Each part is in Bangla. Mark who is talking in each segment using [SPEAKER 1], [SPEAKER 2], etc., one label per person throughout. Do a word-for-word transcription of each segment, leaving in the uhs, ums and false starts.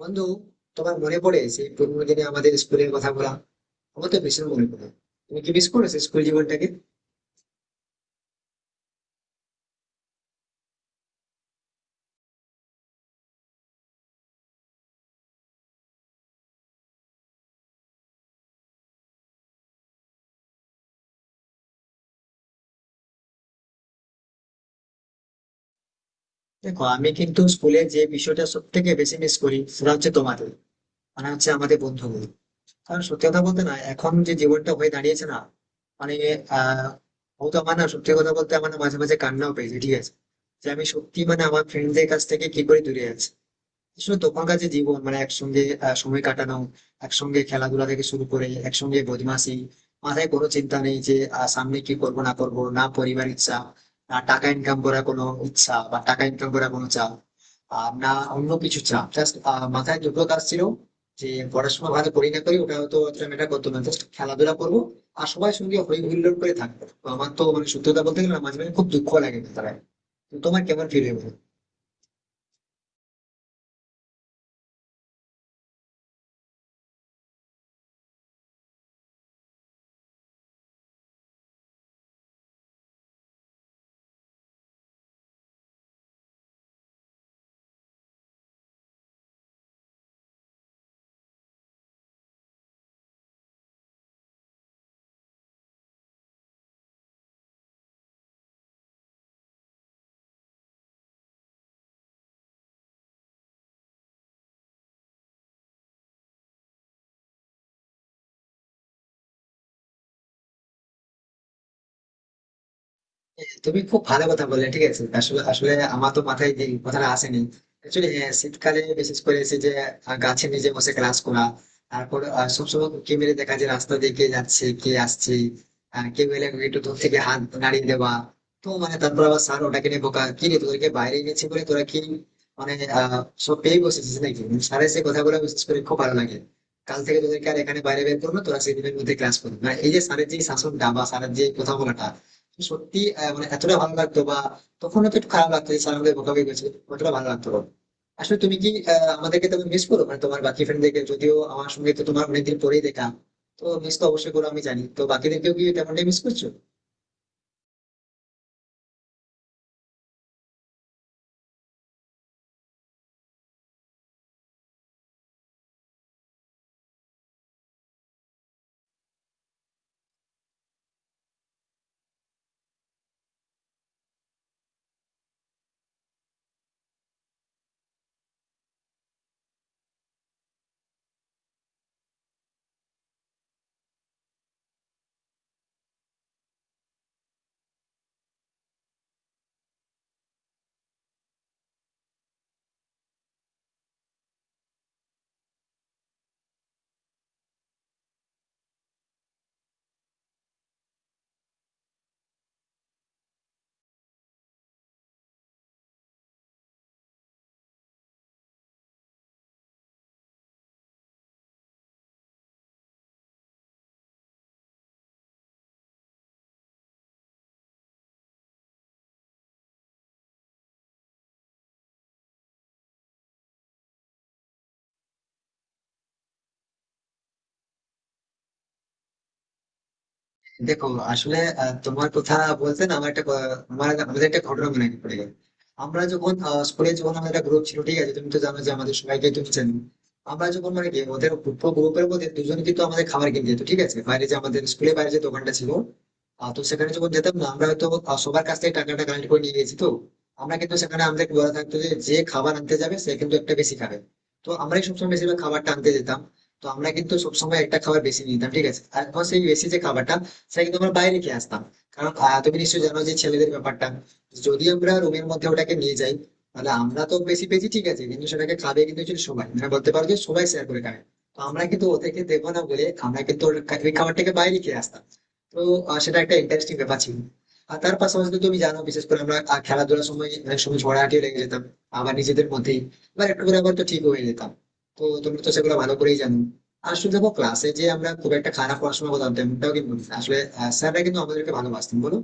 [SPEAKER 1] বন্ধু, তোমার মনে পড়ে সেই পুরোনো দিনে আমাদের স্কুলের কথা বলা? আমার তো ভীষণ মনে পড়ে। তুমি কি মিস করো সেই স্কুল জীবনটাকে? দেখো, আমি কিন্তু স্কুলে যে বিষয়টা সব থেকে বেশি মিস করি, সেটা হচ্ছে তোমাদের, মানে হচ্ছে আমাদের বন্ধুগুলো। কারণ সত্যি কথা বলতে না, এখন যে জীবনটা হয়ে দাঁড়িয়েছে না, মানে আহ হয়তো আমার না, সত্যি কথা বলতে আমার না, মাঝে মাঝে কান্নাও পেয়েছে। ঠিক আছে, যে আমি সত্যি, মানে আমার ফ্রেন্ডদের কাছ থেকে কি করে দূরে আছি। আসলে তখনকার যে জীবন, মানে একসঙ্গে আহ, সময় কাটানো, একসঙ্গে খেলাধুলা থেকে শুরু করে একসঙ্গে বদমাশি। মাথায় কোনো চিন্তা নেই যে আহ, সামনে কি করব না করব, না পরিবার ইচ্ছা, না টাকা ইনকাম করার কোনো ইচ্ছা বা টাকা ইনকাম করার কোনো চাপ, আর না অন্য কিছু চাপ। জাস্ট মাথায় দুটো কাজ ছিল, যে পড়াশোনা ভালো করি না করি, ওটা হয়তো অতটা ম্যাটার করতো না, জাস্ট খেলাধুলা করবো আর সবাই সঙ্গে হই হুল্লোড় করে থাকবো। তো আমার তো, মানে সত্যতা বলতে গেলে না, মাঝে মাঝে খুব দুঃখ লাগে। তারা, তোমার কেমন ফিল হয়? তুমি খুব ভালো কথা বললে। ঠিক আছে, আসলে আসলে আমার তো মাথায় যে কথাটা আসেনি। অ্যাকচুয়ালি শীতকালে বিশেষ করে এসে যে আহ, গাছের নিচে বসে ক্লাস করা। তারপর আহ, সবসময় উঁকি মেরে দেখা যে রাস্তা দিয়ে কে যাচ্ছে কে আসছে। আহ, কেউ এলে একটু দূর থেকে হাত নাড়িয়ে দেওয়া। তো মানে তারপর আবার স্যার ওটাকে নিয়ে বোকা, কি রে তোদেরকে বাইরে গেছি বলে তোরা কি মানে আহ সব পেয়ে বসেছিস নাকি? স্যারের সে কথাগুলো বিশেষ করে খুব ভালো লাগে। কাল থেকে তোদেরকে আর এখানে বাইরে বের করবো, তোরা সেদিনের মধ্যে ক্লাস করবি। মানে এই যে স্যারের যে শাসনটা বা স্যারের যে কথা বলাটা, সত্যি আহ, মানে এতটা ভালো লাগতো বা তখন তো একটু খারাপ লাগতো যে স্যার আমাদের বকাবকি করেছে, অতটা ভালো লাগতো না। আসলে তুমি কি আহ, আমাদেরকে তুমি মিস করো, মানে তোমার বাকি ফ্রেন্ডদেরকে? যদিও আমার সঙ্গে তো তোমার অনেকদিন পরেই দেখা। তো মিস তো অবশ্যই করো আমি জানি, তো বাকিদেরকেও কি তেমনটাই মিস করছো? দেখো, আসলে আহ, তোমার কথা বলতে না, আমার একটা ক- আমার আমাদের একটা ঘটনা মনে পড়ে গেল। আমরা যখন স্কুলে যখন আমাদের একটা গ্রুপ ছিল, ঠিক আছে, তুমি তো জানো যে আমাদের সবাইকে তুমি চেনো। আমরা যখন মানে কি ওদের গ্রুপের মধ্যে দুজন কিন্তু আমাদের খাবার কিনতে যেত, ঠিক আছে, বাইরে যে আমাদের স্কুলের বাইরে যে দোকানটা ছিল। আহ, তো সেখানে যখন যেতাম না, আমরা হয়তো আহ, সবার কাছ থেকে টাকাটা কালেক্ট করে নিয়ে গেছি তো। আমরা কিন্তু সেখানে আমাদের বলা থাকতো যে, যে খাবার আনতে যাবে সে কিন্তু একটা বেশি খাবে। তো আমরাই সবসময় বেশিরভাগ খাবারটা আনতে যেতাম। তো আমরা কিন্তু সবসময় একটা খাবার বেশি নিয়ে নিতাম, ঠিক আছে। আর এখন সেই বেশি যে খাবারটা, সেটা কিন্তু আমরা বাইরে খেয়ে আসতাম। কারণ আহ, তুমি নিশ্চয়ই জানো যে ছেলেদের ব্যাপারটা, যদি আমরা রুমের মধ্যে ওটাকে নিয়ে যাই, তাহলে আমরা তো বেশি পেয়েছি ঠিক আছে, কিন্তু সেটাকে খাবে কিন্তু actually সবাই, মানে বলতে পারো যে সবাই শেয়ার করে খায়। তো আমরা কিন্তু ওদেরকে দেবো না বলে আমরা কিন্তু ওর খা- ওই খাবারটাকে বাইরে খেয়ে আসতাম। তো আহ, সেটা একটা ইন্টারেস্টিং ব্যাপার ছিল। আর তার পাশাপাশি তো তুমি জানো, বিশেষ করে আমরা আহ, খেলাধুলার সময় অনেক সময় ঝগড়াঝাটিও লেগে যেতাম আবার নিজেদের মধ্যেই। এবার একটু করে আবার তো ঠিক হয়ে যেতাম। তো তোমরা তো সেগুলো ভালো করেই জানো। আসলে দেখো ক্লাসে যে আমরা খুব একটা খারাপ পড়াশোনা করতাম তেমনটাও কিন্তু না। আসলে স্যাররা কিন্তু আমাদেরকে ভালোবাসতেন, বলো?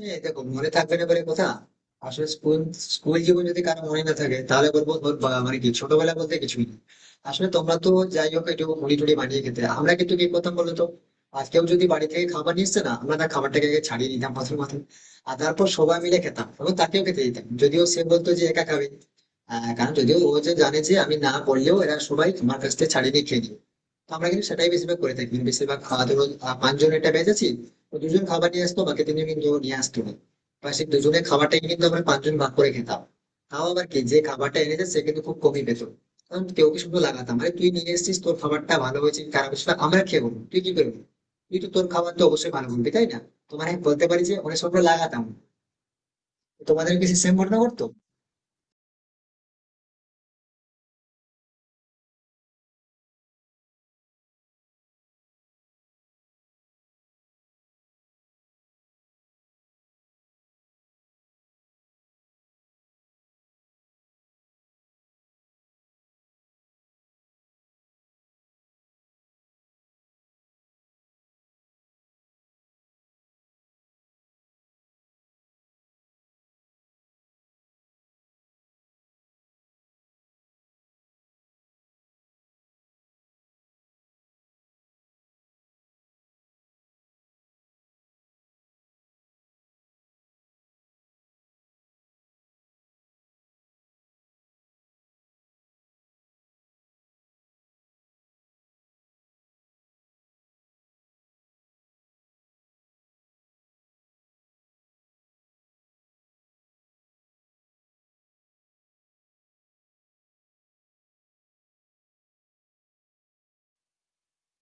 [SPEAKER 1] হ্যাঁ দেখো, মনে থাকবে না বলে কথা। আসলে স্কুল স্কুল জীবন যদি কারো মনে না থাকে, তাহলে বলবো তোর বা- মানে কি, ছোটবেলা বলতে কিছুই নেই। আসলে তোমরা তো, যাই হোক, একটু মুড়ি টুড়ি বানিয়ে খেতে আমরা কিন্তু কি করতাম বলো তো? আজকেও যদি বাড়ি থেকে খাবার নিয়ে এসছে না, আমরা তার খাবারটাকে আগে ছাড়িয়ে নিতাম পাথর মাথায়। আর তারপর সবাই মিলে খেতাম এবং তাকেও খেতে দিতাম, যদিও সে বলতো যে একা খাবে। আহ, কারণ যদিও ও যে জানে যে আমি না বললেও এরা সবাই আমার কাছ থেকে ছাড়িয়ে নিয়ে খেয়ে নিবে। তো আমরা কিন্তু সেটাই বেশিরভাগ করে থাকি। বেশিরভাগ আহ, ধরো আহ, পাঁচজন একটা ব্যাচ আছি। তো দুজন খাবার নিয়ে আসতো, বাকি তিনজন কিন্তু নিয়ে আসতো না, বা সেই দুজনের খাবারটাই কিন্তু আমরা পাঁচজন ভাগ করে খেতাম। তাও আবার কি, যে খাবারটা এনেছে সে কিন্তু খুব কমই পেত। কারণ কেউ কি শুধু লাগাতাম, আরে তুই নিয়ে এসেছিস তোর খাবারটা ভালো হয়েছে খারাপ হয়েছে, আমরা খেয়ে বলবো, তুই কি করবি? তুই তো তোর খাবার তো অবশ্যই ভালো বলবি, তাই না? তোমার, আমি বলতে পারি যে অনেক সময় আমরা লাগাতাম। তোমাদের কি সেম ঘটনা করতো?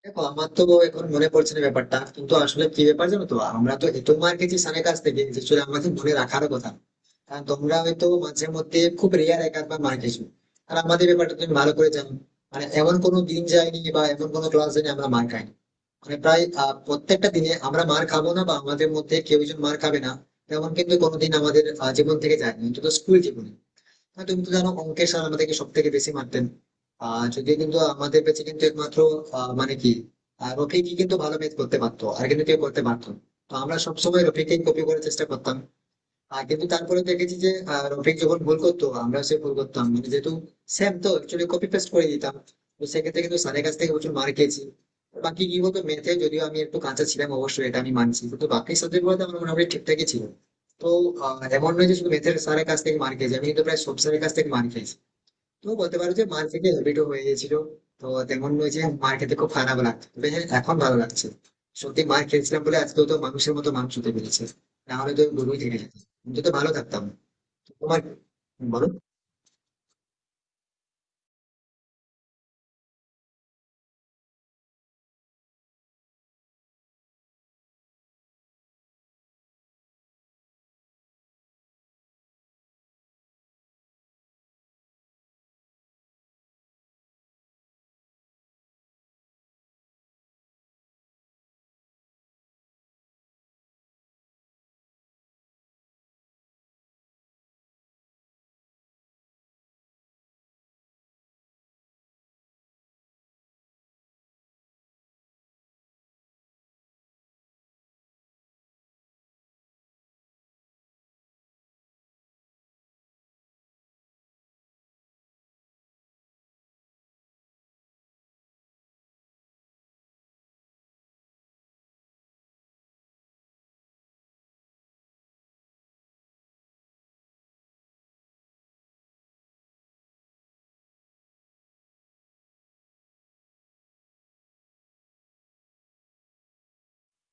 [SPEAKER 1] দেখো, আমার তো এখন মনে পড়ছে না ব্যাপারটা, কিন্তু আসলে কি ব্যাপার জানো, তো আমরা তো এত মার খেয়েছি স্যারের কাছ থেকে যে আসলে আমাদের মনে রাখার কথা না। কারণ তোমরা হয়তো মাঝে মধ্যে খুব রেয়ার, এক আধবার মার খেয়েছো। আর আমাদের ব্যাপারটা তুমি ভালো করে জানো, মানে এমন কোনো দিন যায়নি বা এমন কোনো ক্লাস যায়নি আমরা মার খাইনি। মানে প্রায় আহ, প্রত্যেকটা দিনে আমরা মার খাবো না বা আমাদের মধ্যে কেউ একজন মার খাবে না, তেমন কিন্তু কোনোদিন আমাদের আহ, জীবন থেকে যায়নি, অন্তত স্কুল জীবনে। হ্যাঁ তুমি তো জানো, অঙ্কে স্যার আমাদেরকে সব থেকে বেশি মারতেন। আহ যদিও কিন্তু আমাদের কাছে কিন্তু একমাত্র আহ, মানে কি আহ, রফিকই কিন্তু ভালো ম্যাথ করতে পারতো, আর কিন্তু কেউ করতে পারতো না। তো আমরা সবসময় রফিককে কপি করার চেষ্টা করতাম। আহ, কিন্তু তারপরে দেখেছি যে আহ, রফিক যখন ভুল করতো আমরাও সে ভুল করতাম, মানে যেহেতু সেম, তো একচুয়ালি কপি পেস্ট করে দিতাম। তো সেক্ষেত্রে কিন্তু স্যারের কাছ থেকে প্রচুর মার খেয়েছি। বাকি কি বলতো, ম্যাথে যদিও আমি একটু কাঁচা ছিলাম, অবশ্যই এটা আমি মানছি, কিন্তু বাকি সাবজেক্ট গুলোতে আমার মোটামুটি ঠিকঠাকই ছিল। তো আহ, এমন নয় যে শুধু ম্যাথের স্যারের কাছ থেকে মার খেয়েছি, আমি কিন্তু প্রায় সব স্যারের কাছ থেকে মার খেয়েছি। তো বলতে পারো যে মার থেকে হ্যাবিটও হয়ে গেছিল। তো তেমন নয় যে মার খেতে খুব খারাপ লাগতো, তবে হ্যাঁ এখন ভালো লাগছে। সত্যি মার খেয়েছিলাম বলে আজকে তো মানুষের মতো মাংস হতে পেরেছে, না হলে তো গরুই থেকে যেত। কিন্তু তো ভালো থাকতাম। তোমার, বলো।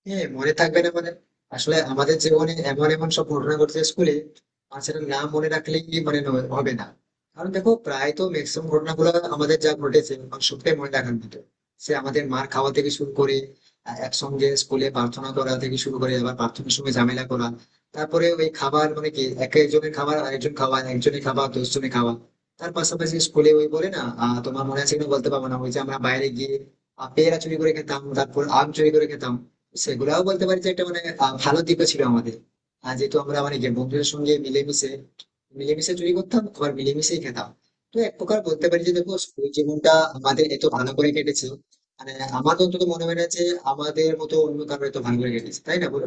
[SPEAKER 1] হ্যাঁ মনে থাকবে না মানে? আসলে আমাদের জীবনে এমন এমন সব ঘটনা ঘটছে স্কুলে। আর সেটা না মনে রাখলেই মানে ন- হবে না। কারণ দেখো প্রায় তো ম্যাক্সিমাম ঘটনাগুলো আমাদের যা ঘটেছে, মানে সবটাই মনে রাখার মতো। সে আমাদের মার খাওয়া থেকে শুরু করে, আহ, একসঙ্গে স্কুলে প্রার্থনা করা থেকে শুরু করে আবার প্রার্থনার সময় ঝামেলা করা। তারপরে ওই খাবার মানে কি, এক একজনের খাবার আরেকজন খাওয়া, একজনের খাবার দশজনের খাওয়া। তার পাশাপাশি স্কুলে ওই বলে না, আহ, তোমার মনে আছে কিনা বলতে পারবো না, ওই যে আমরা বাইরে গিয়ে আহ, পেয়ারা চুরি করে খেতাম তারপর আম চুরি করে খেতাম। সেগুলাও বলতে পারি যে একটা মানে আহ, ভালো দিকও ছিল আমাদের। আর যেহেতু আমরা মানে কি বন্ধুদের সঙ্গে মিলেমিশে, মিলেমিশে চুরি করতাম আবার মিলেমিশেই খেতাম। তো এক প্রকার বলতে পারি যে দেখো স্কুল জীবনটা আমাদের এত ভালো করে কেটেছে, মানে আমার তো অন্তত মনে হয় না যে আমাদের মতো অন্য কারো এত ভালো করে কেটেছে, তাই না, বলো?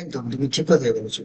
[SPEAKER 1] একদম তুমি ঠিক কথাই বলেছো।